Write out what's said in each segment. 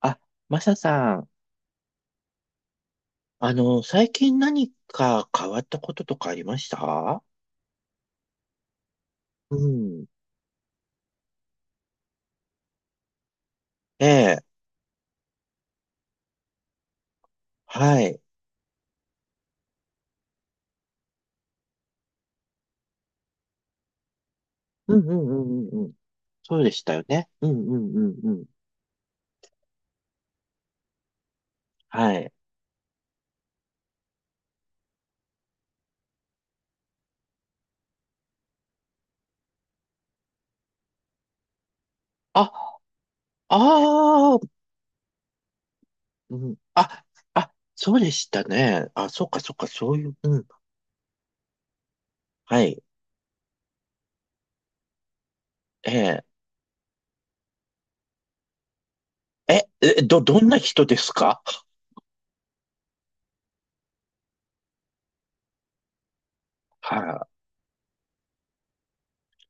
あ、マサさん、最近何か変わったこととかありました？うん。ええ、はい。うんうんうんうんうん。そうでしたよね。うんうんうんうん。はい。あ、ああ、うん。あ、あ、そうでしたね。あ、そっかそっか、そういう、うん。はい。ええ、え、え、どんな人ですか？は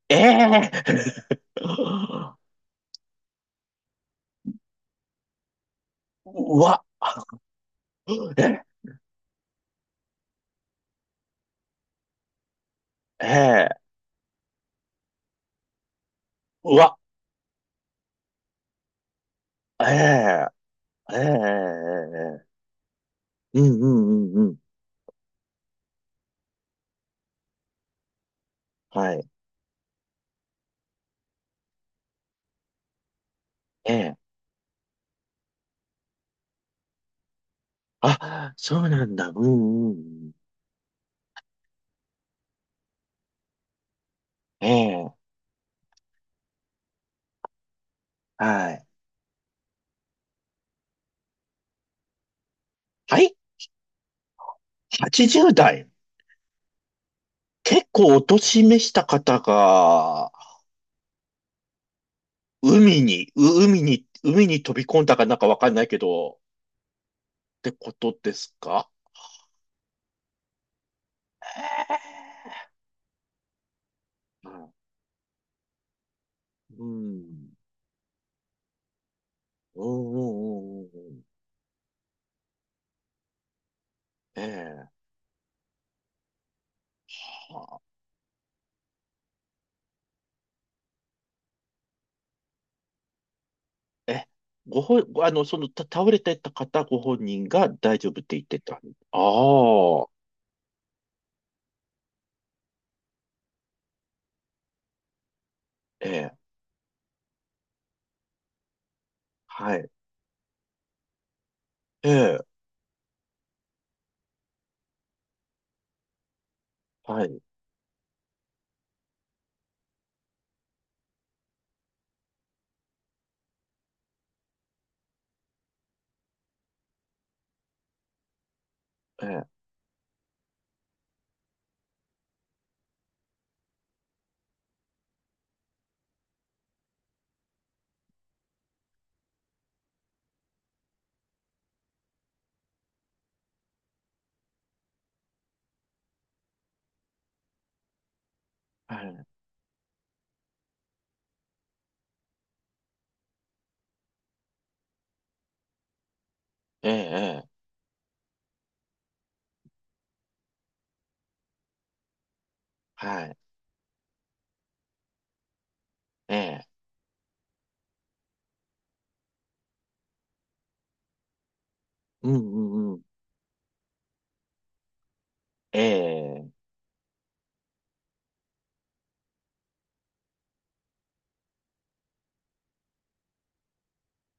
い。ええ、うわ、ええ、ええ、うわ、ええ、ええ、ええ、うんうんうんうん。はい。ええ。あ、そうなんだ。うんうんうん。ええ。はい。はい。80代。結構お年めした方が、海に、海に飛び込んだかなんかわかんないけど、ってことですか？ええ。うん。うんうんうんうんうん。ええ。はあ、え、ご本、ご倒れてた方ご本人が大丈夫って言ってた。ああ。ええ。はい。ええ、はい、ええ、はい、ええ、ええ、はい、ええ、うんうんうん、ええ、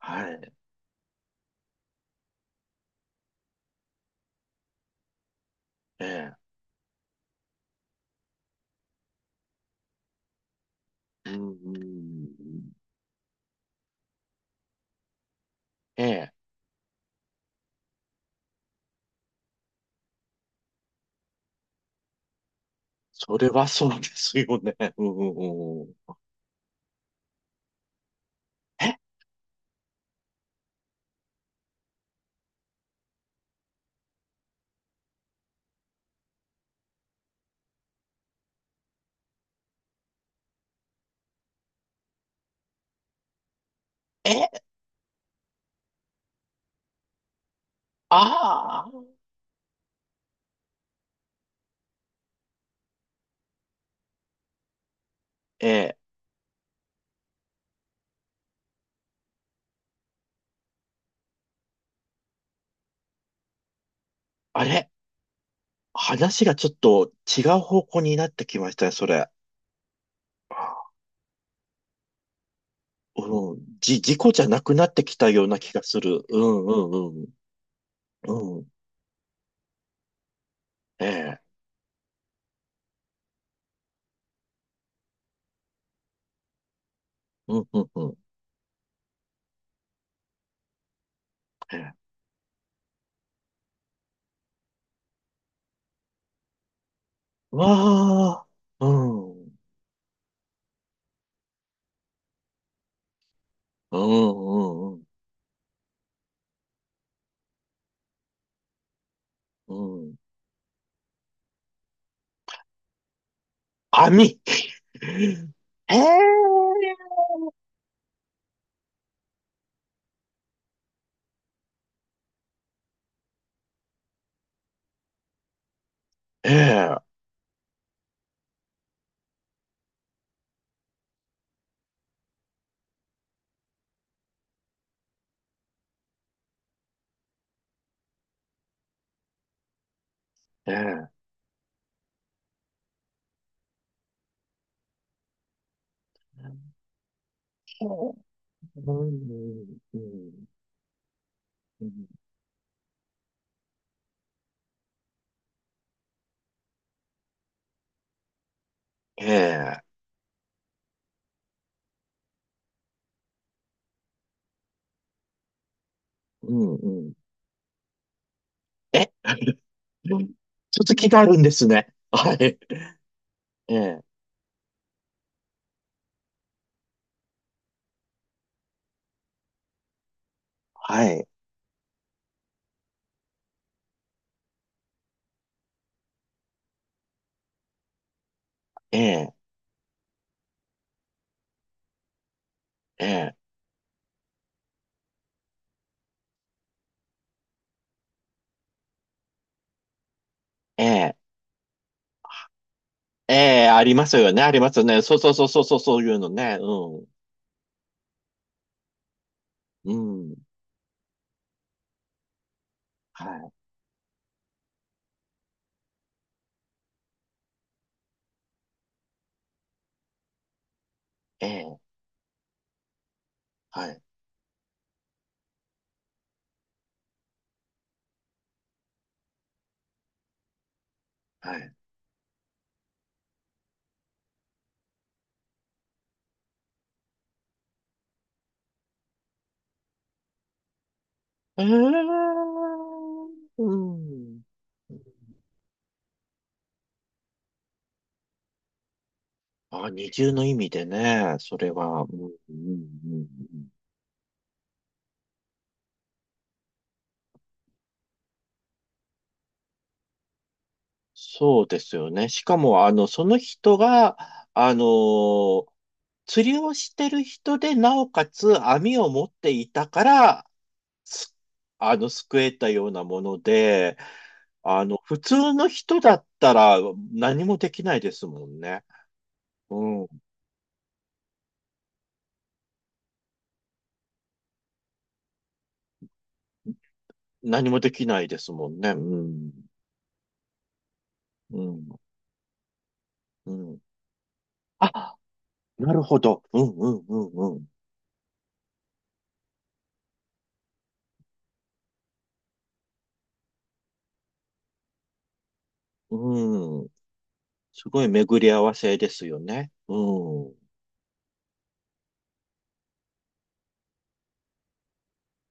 はい、ええ、うんうんうん、ええ、それはそうですよね。うんうんうん、え、え、ああ、ええ、あれ、話がちょっと違う方向になってきましたね、それ。うん、事故じゃなくなってきたような気がする。うんうんうん、うん、ええ、うんうんうん、ええ、わあ、うん。うんうんうんうん。網 ええええええ、ほう、うんうんうん、ええ、うんうん。え 続きがあるんですね。はい。ええ、はい。ええええええええ、ありますよね。ありますよね。そうそうそうそうそう、そういうのね。うん。うん。はい。ええ、はい。はい。ええ、うん。あ、二重の意味でね、それは、うん、うん、うん。うん。そうですよね。しかも、その人が、あのー釣りをしてる人で、なおかつ網を持っていたから、すあの、救えたようなもので、普通の人だったら何もできないですもんね。うん。何もできないですもんね。うん。うん。うん。あ、なるほど。うん、うん、うん、うん。うん、すごい巡り合わせですよね。うん。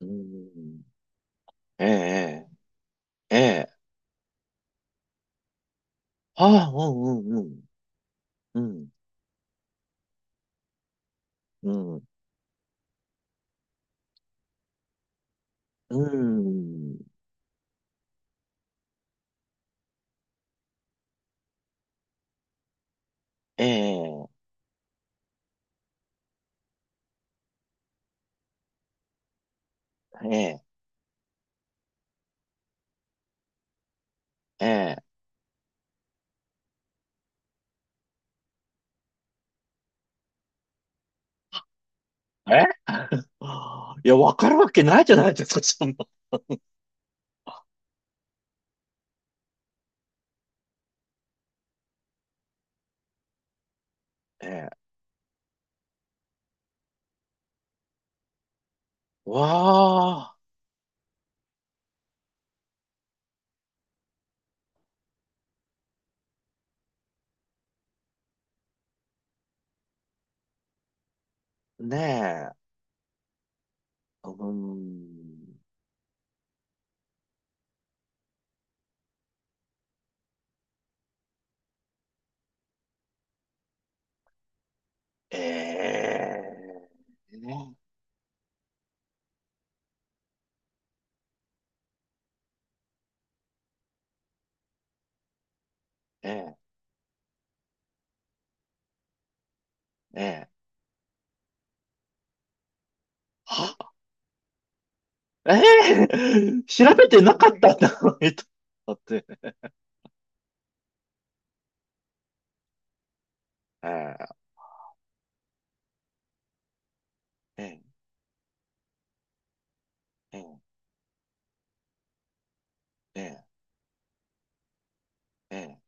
うん。ええ、ええ。ああ、うん、うん、うん。うん、うん。うん。ええ、ええ、ええ。え、いや、わかるわけないじゃないですか、そんな。ええ。わあ、ねえ。うん。ええ、ねえ、ええ、ええ。は、ええ、調べてなかったんだ。だって、ええ、ええ、ええ。ええ、ええ、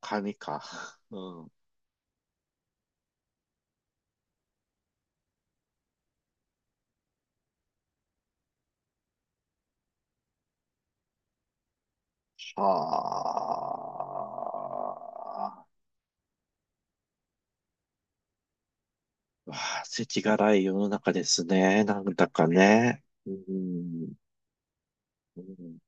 紙か。うん。はあ。わあ、世知辛い世の中ですね。なんだかね。うん。うん